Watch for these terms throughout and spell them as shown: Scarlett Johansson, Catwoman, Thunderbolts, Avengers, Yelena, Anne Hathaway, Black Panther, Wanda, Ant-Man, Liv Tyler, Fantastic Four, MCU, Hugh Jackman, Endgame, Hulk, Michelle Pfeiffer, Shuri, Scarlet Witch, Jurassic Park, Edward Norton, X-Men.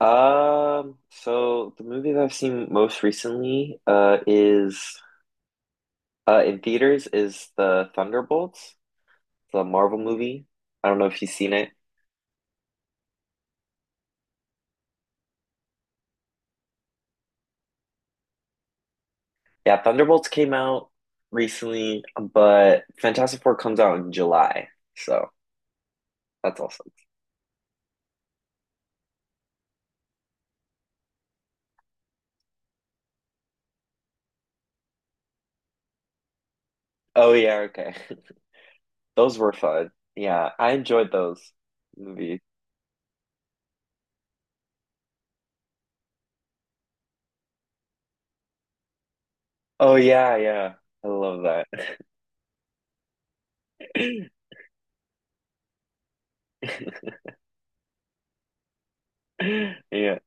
So the movie that I've seen most recently is in theaters is the Thunderbolts, the Marvel movie. I don't know if you've seen it. Yeah, Thunderbolts came out recently, but Fantastic Four comes out in July. So that's awesome. Oh yeah, okay. Those were fun. Yeah, I enjoyed those movies. Oh yeah, yeah. I love that. Yeah.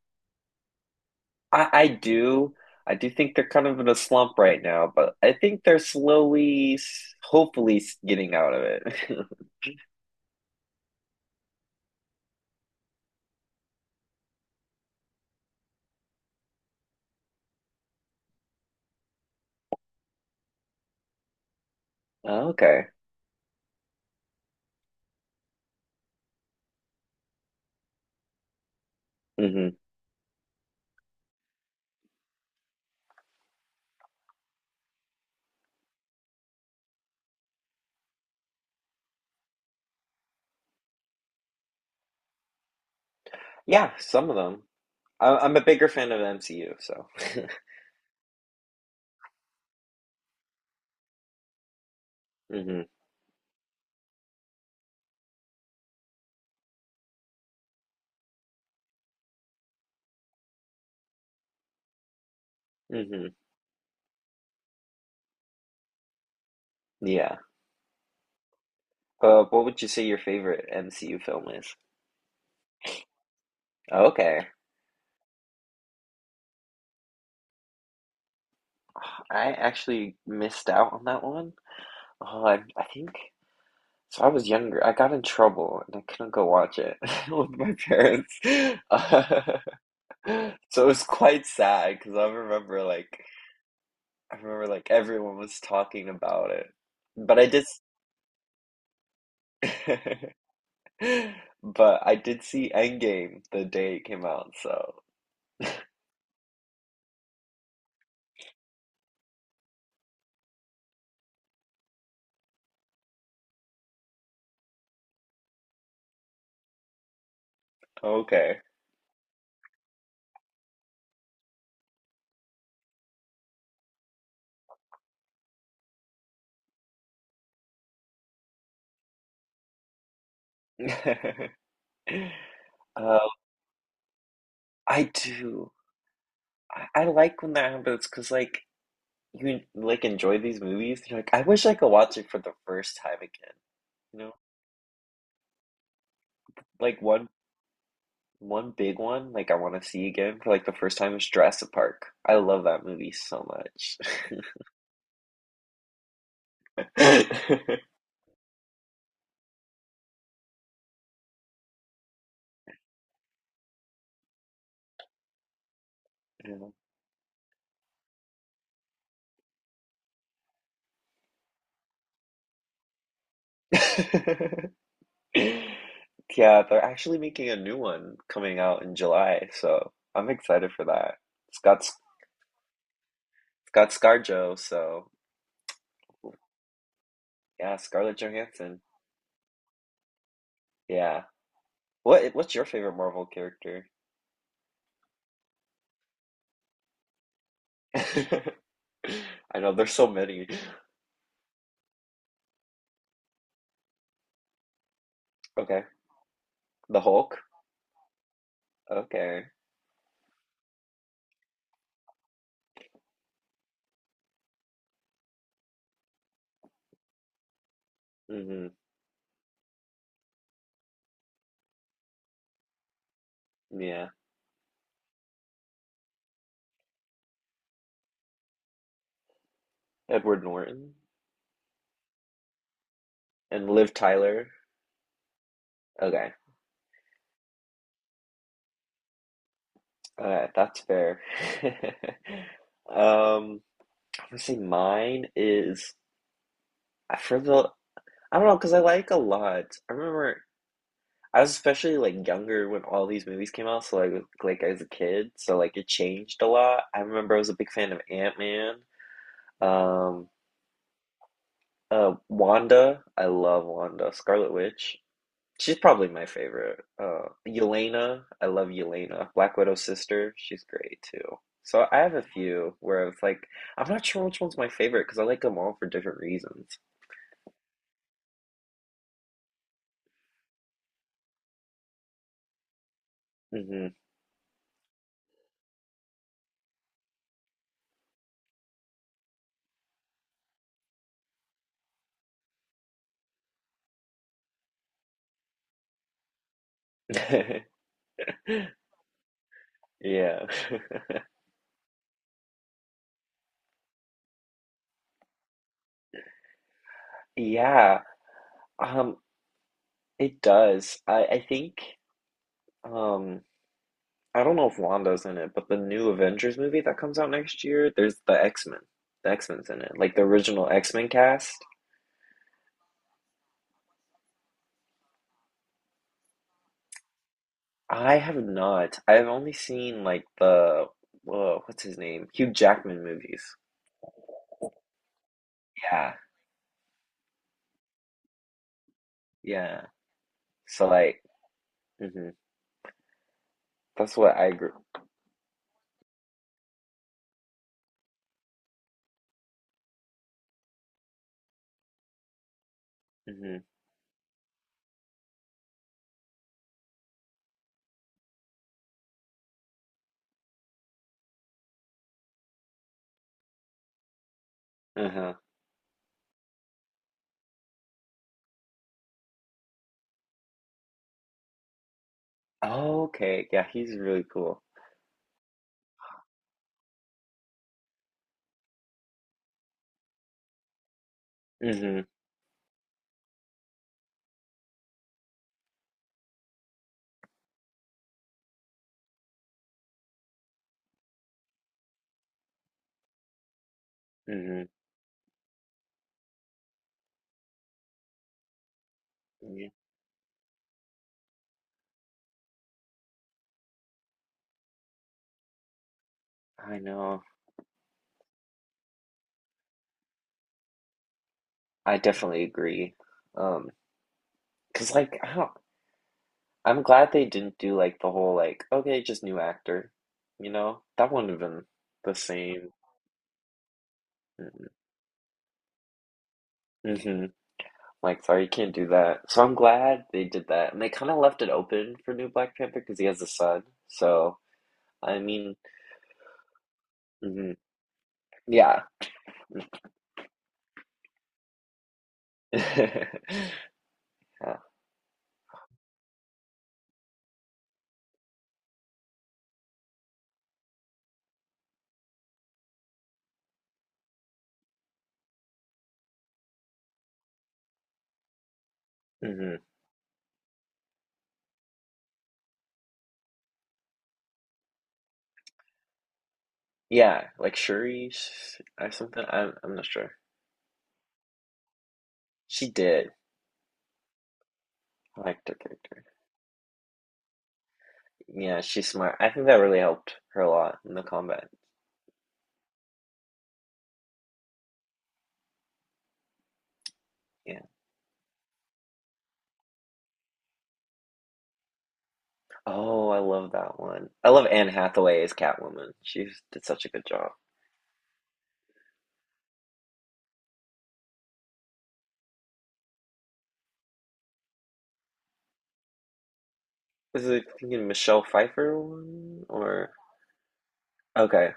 I do. I do think they're kind of in a slump right now, but I think they're slowly, hopefully, getting out of it. Oh, okay. hmm Yeah, some of them. I'm a bigger fan of MCU, so. hmm hmm Yeah. What would you say your favorite MCU film is? Okay. I actually missed out on that one. Oh, I think so. I was younger. I got in trouble and I couldn't go watch it with my parents. So it was quite sad because I remember like everyone was talking about it. But I did s- But I did see Endgame the day it came out, so okay. Uh, I do. I like when that happens because like you like enjoy these movies. You're like, I wish I could watch it for the first time again. You know, like one one big one, like I want to see again for like the first time, is Jurassic Park. I love that movie so much. Yeah. Yeah, they're actually making a new one coming out in July, so I'm excited for that. It's got ScarJo, so yeah, Scarlett Johansson. Yeah. What's your favorite Marvel character? I know there's so many. Okay, the Hulk. Okay. hmm Yeah, Edward Norton. And Liv Tyler. Okay. Okay, that's fair. Um, I'm gonna say mine is I for the I don't know because I like a lot. I remember I was especially like younger when all these movies came out, so like as a kid, so like it changed a lot. I remember I was a big fan of Ant-Man. Um, Wanda. I love Wanda, Scarlet Witch. She's probably my favorite. Yelena, I love Yelena, Black Widow's sister. She's great too. So I have a few where it's like I'm not sure which one's my favorite because I like them all for different reasons. hmm Yeah. Yeah. Um, it does. I think um I don't know if Wanda's in it, but the new Avengers movie that comes out next year, there's the X-Men. The X-Men's in it. Like the original X-Men cast. I have not. I've only seen like what's his name? Hugh Jackman movies. Yeah, yeah. So like, hmm that's what I grew. hmm Uh-huh. Oh, okay. Yeah, he's really cool. hmm hmm Yeah, I know. I definitely agree. Um, 'Cause I'm glad they didn't do like the whole like, okay, just new actor. You know, that wouldn't have been the same. Mm-hmm. Mm-hmm. Like, sorry, you can't do that. So I'm glad they did that. And they kind of left it open for new Black Panther because he has a son. So, I mean, mhm, yeah. Yeah. hmm Yeah, like Shuri or something. I'm not sure. She did. I liked her character. Yeah, she's smart. I think that really helped her a lot in the combat. Yeah. Oh, I love that one. I love Anne Hathaway as Catwoman. She did such a good job. Is it thinking Michelle Pfeiffer one or? Okay.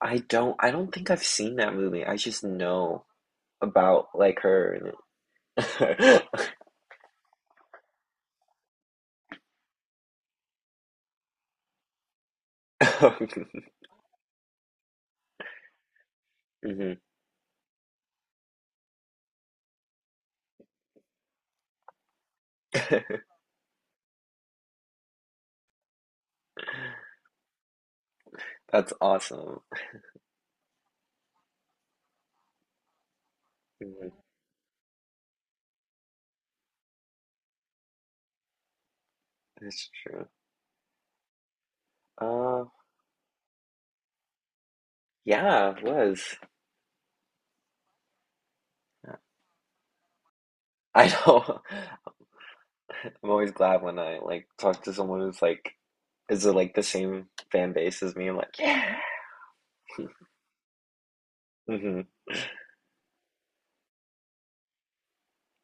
I don't think I've seen that movie. I just know about like her and Mhm. That's awesome. Mhm. That's true. Uh yeah, it was. I know. I'm always glad when I like talk to someone who's like is it like the same fan base as me? I'm like, yeah. Mhm.